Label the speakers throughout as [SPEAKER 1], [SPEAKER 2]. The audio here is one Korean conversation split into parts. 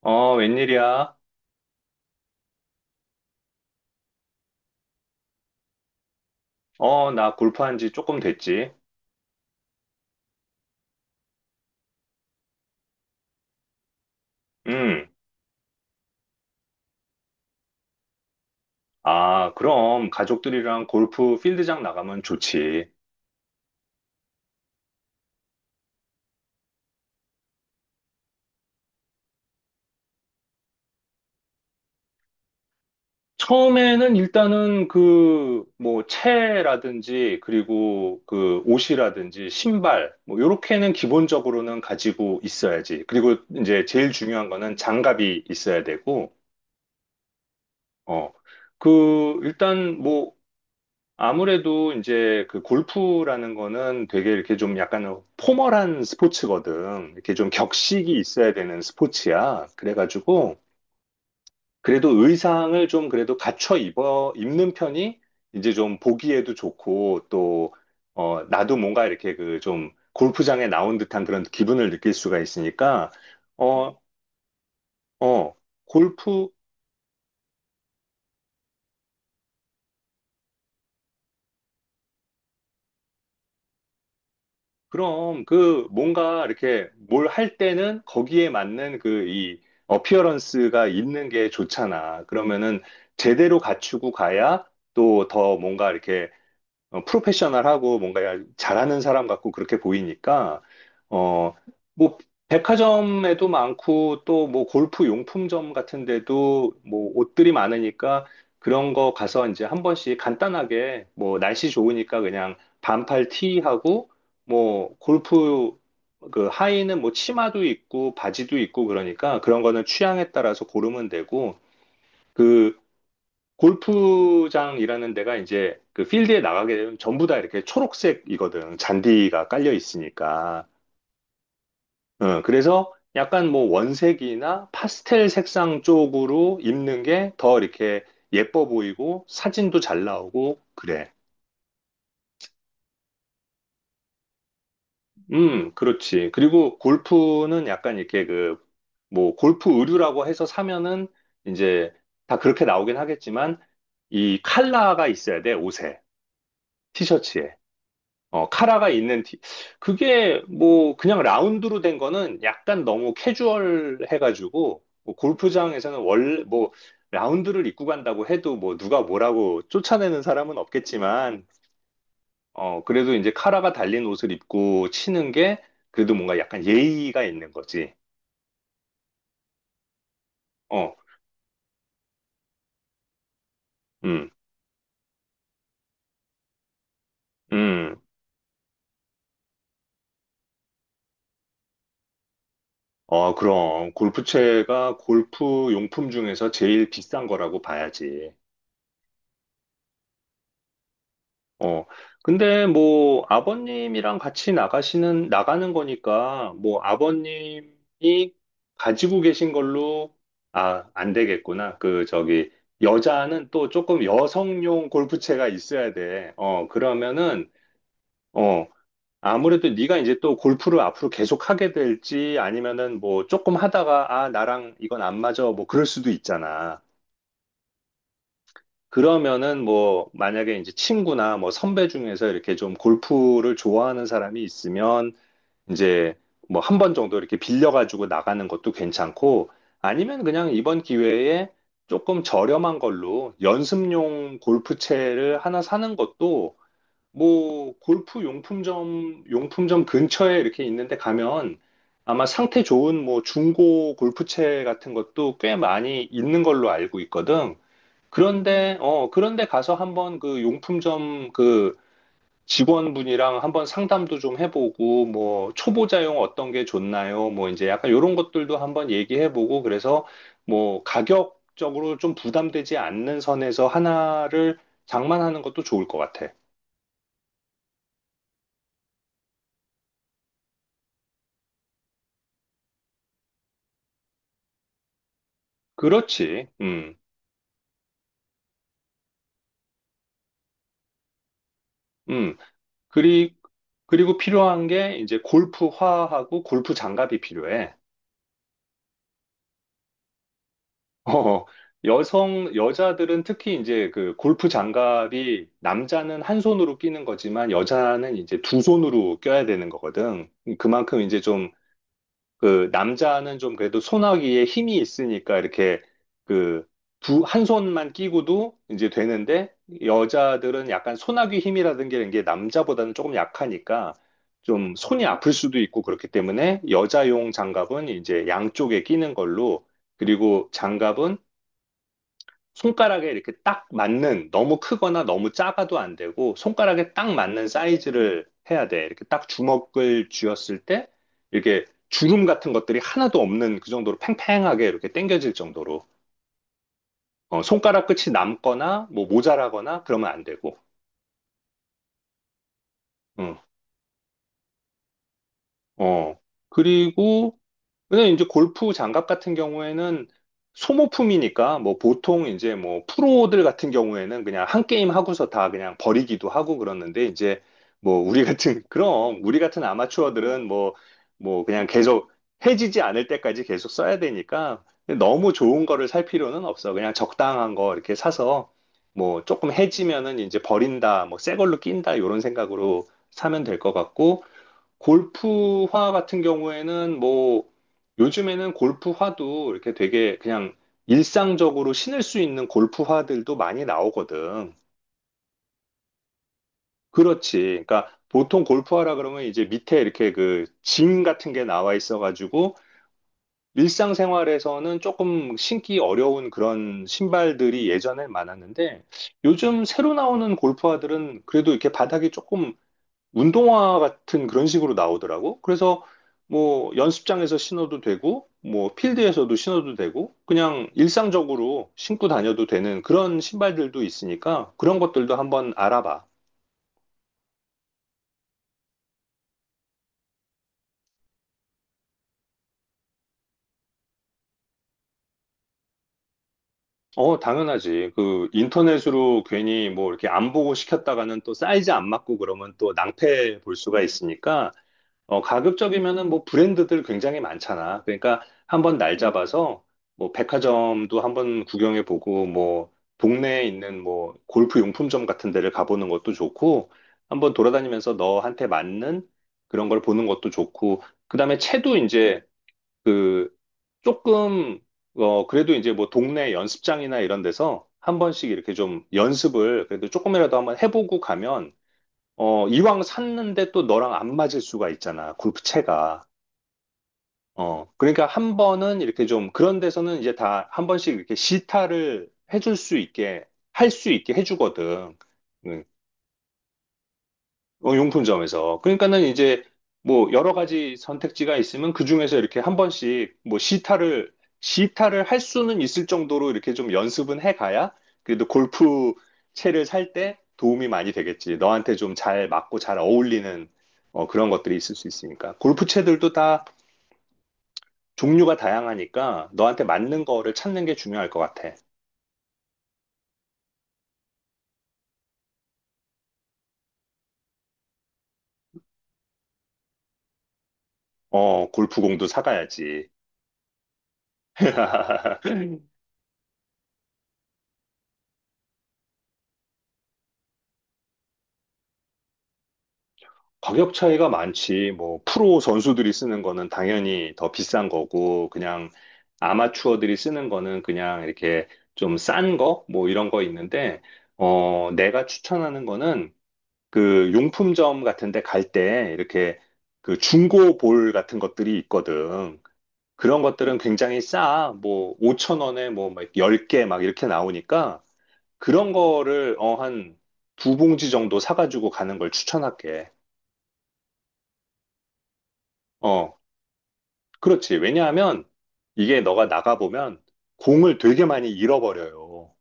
[SPEAKER 1] 어, 웬일이야? 어, 나 골프한 지 조금 됐지. 음. 아, 그럼 가족들이랑 골프 필드장 나가면 좋지. 처음에는 일단은 그, 뭐, 채라든지, 그리고 그 옷이라든지, 신발, 뭐, 요렇게는 기본적으로는 가지고 있어야지. 그리고 이제 제일 중요한 거는 장갑이 있어야 되고, 어. 그, 일단 뭐, 아무래도 이제 그 골프라는 거는 되게 이렇게 좀 약간 포멀한 스포츠거든. 이렇게 좀 격식이 있어야 되는 스포츠야. 그래가지고 그래도 의상을 좀 그래도 갖춰 입어 입는 편이 이제 좀 보기에도 좋고 또 어, 나도 뭔가 이렇게 그 좀 골프장에 나온 듯한 그런 기분을 느낄 수가 있으니까 어, 어, 골프 그럼 그 뭔가 이렇게 뭘 할 때는 거기에 맞는 그 이 어피어런스가 있는 게 좋잖아. 그러면은 제대로 갖추고 가야 또 더 뭔가 이렇게 어, 프로페셔널하고 뭔가 잘하는 사람 같고 그렇게 보이니까, 어, 뭐, 백화점에도 많고 또 뭐 골프 용품점 같은 데도 뭐 옷들이 많으니까 그런 거 가서 이제 한 번씩 간단하게 뭐 날씨 좋으니까 그냥 반팔 티하고 뭐 골프 그 하의는 뭐 치마도 있고 바지도 있고 그러니까 그런 거는 취향에 따라서 고르면 되고 그 골프장이라는 데가 이제 그 필드에 나가게 되면 전부 다 이렇게 초록색이거든. 잔디가 깔려 있으니까. 어, 그래서 약간 뭐 원색이나 파스텔 색상 쪽으로 입는 게 더 이렇게 예뻐 보이고 사진도 잘 나오고 그래. 그렇지. 그리고 골프는 약간 이렇게 그 뭐 골프 의류라고 해서 사면은 이제 다 그렇게 나오긴 하겠지만 이 칼라가 있어야 돼, 옷에. 티셔츠에. 어, 카라가 있는 티, 그게 뭐 그냥 라운드로 된 거는 약간 너무 캐주얼 해가지고 뭐 골프장에서는 원래 뭐 라운드를 입고 간다고 해도 뭐 누가 뭐라고 쫓아내는 사람은 없겠지만 어, 그래도 이제 카라가 달린 옷을 입고 치는 게 그래도 뭔가 약간 예의가 있는 거지. 어, 음, 음. 어, 그럼 골프채가 골프 용품 중에서 제일 비싼 거라고 봐야지. 어, 근데 뭐 아버님이랑 같이 나가는 거니까 뭐 아버님이 가지고 계신 걸로, 아, 안 되겠구나. 그, 저기, 여자는 또 조금 여성용 골프채가 있어야 돼. 어, 그러면은, 어, 아무래도 네가 이제 또 골프를 앞으로 계속 하게 될지 아니면은 뭐 조금 하다가, 아, 나랑 이건 안 맞아. 뭐 그럴 수도 있잖아. 그러면은 뭐 만약에 이제 친구나 뭐 선배 중에서 이렇게 좀 골프를 좋아하는 사람이 있으면 이제 뭐 한 번 정도 이렇게 빌려가지고 나가는 것도 괜찮고 아니면 그냥 이번 기회에 조금 저렴한 걸로 연습용 골프채를 하나 사는 것도 뭐 골프 용품점 근처에 이렇게 있는데 가면 아마 상태 좋은 뭐 중고 골프채 같은 것도 꽤 많이 있는 걸로 알고 있거든. 그런데, 어, 그런데 가서 한번 그 용품점 그 직원분이랑 한번 상담도 좀 해보고, 뭐, 초보자용 어떤 게 좋나요? 뭐, 이제 약간 이런 것들도 한번 얘기해보고, 그래서 뭐, 가격적으로 좀 부담되지 않는 선에서 하나를 장만하는 것도 좋을 것 같아. 그렇지. 음. 그리, 그리고 필요한 게 이제 골프화하고 골프 장갑이 필요해. 어, 여자들은 특히 이제 그 골프 장갑이 남자는 한 손으로 끼는 거지만 여자는 이제 두 손으로 껴야 되는 거거든. 그만큼 이제 좀 그 남자는 좀 그래도 손아귀에 힘이 있으니까 이렇게 그 두, 한 손만 끼고도 이제 되는데 여자들은 약간 손아귀 힘이라든 게 이런 게 남자보다는 조금 약하니까 좀 손이 아플 수도 있고 그렇기 때문에 여자용 장갑은 이제 양쪽에 끼는 걸로 그리고 장갑은 손가락에 이렇게 딱 맞는 너무 크거나 너무 작아도 안 되고 손가락에 딱 맞는 사이즈를 해야 돼. 이렇게 딱 주먹을 쥐었을 때 이렇게 주름 같은 것들이 하나도 없는 그 정도로 팽팽하게 이렇게 당겨질 정도로 어, 손가락 끝이 남거나 뭐 모자라거나 그러면 안 되고 응. 어 그리고 근데 이제 골프 장갑 같은 경우에는 소모품이니까 뭐 보통 이제 뭐 프로들 같은 경우에는 그냥 한 게임 하고서 다 그냥 버리기도 하고 그러는데 이제 뭐 우리 같은 그럼 우리 같은 아마추어들은 뭐 뭐 그냥 계속 해지지 않을 때까지 계속 써야 되니까 너무 좋은 거를 살 필요는 없어. 그냥 적당한 거 이렇게 사서 뭐 조금 해지면은 이제 버린다, 뭐 새 걸로 낀다 이런 생각으로 사면 될 것 같고 골프화 같은 경우에는 뭐 요즘에는 골프화도 이렇게 되게 그냥 일상적으로 신을 수 있는 골프화들도 많이 나오거든. 그렇지. 그러니까 보통 골프화라 그러면 이제 밑에 이렇게 그 징 같은 게 나와 있어가지고 일상생활에서는 조금 신기 어려운 그런 신발들이 예전에 많았는데 요즘 새로 나오는 골프화들은 그래도 이렇게 바닥이 조금 운동화 같은 그런 식으로 나오더라고. 그래서 뭐 연습장에서 신어도 되고, 뭐 필드에서도 신어도 되고, 그냥 일상적으로 신고 다녀도 되는 그런 신발들도 있으니까 그런 것들도 한번 알아봐. 어, 당연하지. 그 인터넷으로 괜히 뭐 이렇게 안 보고 시켰다가는 또 사이즈 안 맞고 그러면 또 낭패 볼 수가 있으니까 어, 가급적이면은 뭐 브랜드들 굉장히 많잖아. 그러니까 한번 날 잡아서 뭐 백화점도 한번 구경해 보고 뭐 동네에 있는 뭐 골프 용품점 같은 데를 가보는 것도 좋고 한번 돌아다니면서 너한테 맞는 그런 걸 보는 것도 좋고 그다음에 채도 이제 그 조금 어 그래도 이제 뭐 동네 연습장이나 이런 데서 한 번씩 이렇게 좀 연습을 그래도 조금이라도 한번 해보고 가면 어 이왕 샀는데 또 너랑 안 맞을 수가 있잖아 골프채가 어 그러니까 한 번은 이렇게 좀 그런 데서는 이제 다 한 번씩 이렇게 시타를 해줄 수 있게 할 수 있게 해주거든 음, 어, 용품점에서. 그러니까는 이제 뭐 여러 가지 선택지가 있으면 그 중에서 이렇게 한 번씩 뭐 시타를 할 수는 있을 정도로 이렇게 좀 연습은 해 가야 그래도 골프 채를 살 때 도움이 많이 되겠지. 너한테 좀 잘 맞고 잘 어울리는 어, 그런 것들이 있을 수 있으니까. 골프 채들도 다 종류가 다양하니까 너한테 맞는 거를 찾는 게 중요할 것 같아. 어, 골프공도 사가야지. 가격 차이가 많지. 뭐, 프로 선수들이 쓰는 거는 당연히 더 비싼 거고, 그냥 아마추어들이 쓰는 거는 그냥 이렇게 좀 싼 거? 뭐 이런 거 있는데, 어, 내가 추천하는 거는 그 용품점 같은 데 갈 때 이렇게 그 중고 볼 같은 것들이 있거든. 그런 것들은 굉장히 싸. 뭐, 5천 원에 뭐, 막 10개 막 이렇게 나오니까 그런 거를, 어, 한 두 봉지 정도 사가지고 가는 걸 추천할게. 어. 그렇지. 왜냐하면 이게 너가 나가보면 공을 되게 많이 잃어버려요.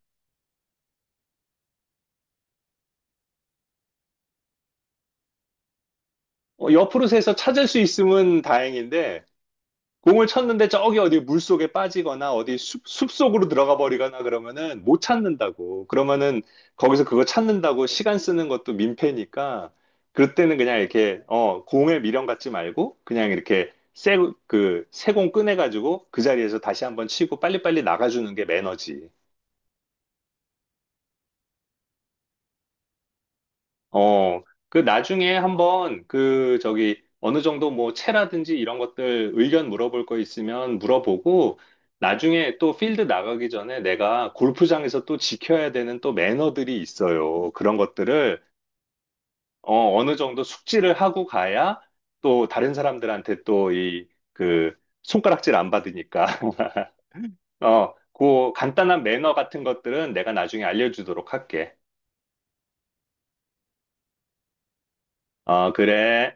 [SPEAKER 1] 어, 옆으로 새서 찾을 수 있으면 다행인데 공을 쳤는데 저기 어디 물속에 빠지거나 어디 숲속으로 들어가 버리거나 그러면은 못 찾는다고. 그러면은 거기서 그거 찾는다고 시간 쓰는 것도 민폐니까 그럴 때는 그냥 이렇게 어, 공에 미련 갖지 말고 그냥 이렇게 새공 꺼내가지고 그 자리에서 다시 한번 치고 빨리빨리 나가주는 게 매너지. 어, 그 나중에 한번 그 저기 어느 정도 뭐 채라든지 이런 것들 의견 물어볼 거 있으면 물어보고 나중에 또 필드 나가기 전에 내가 골프장에서 또 지켜야 되는 또 매너들이 있어요. 그런 것들을 어, 어느 정도 숙지를 하고 가야 또 다른 사람들한테 또 이 그 손가락질 안 받으니까. 어, 그 간단한 매너 같은 것들은 내가 나중에 알려주도록 할게. 어, 그래.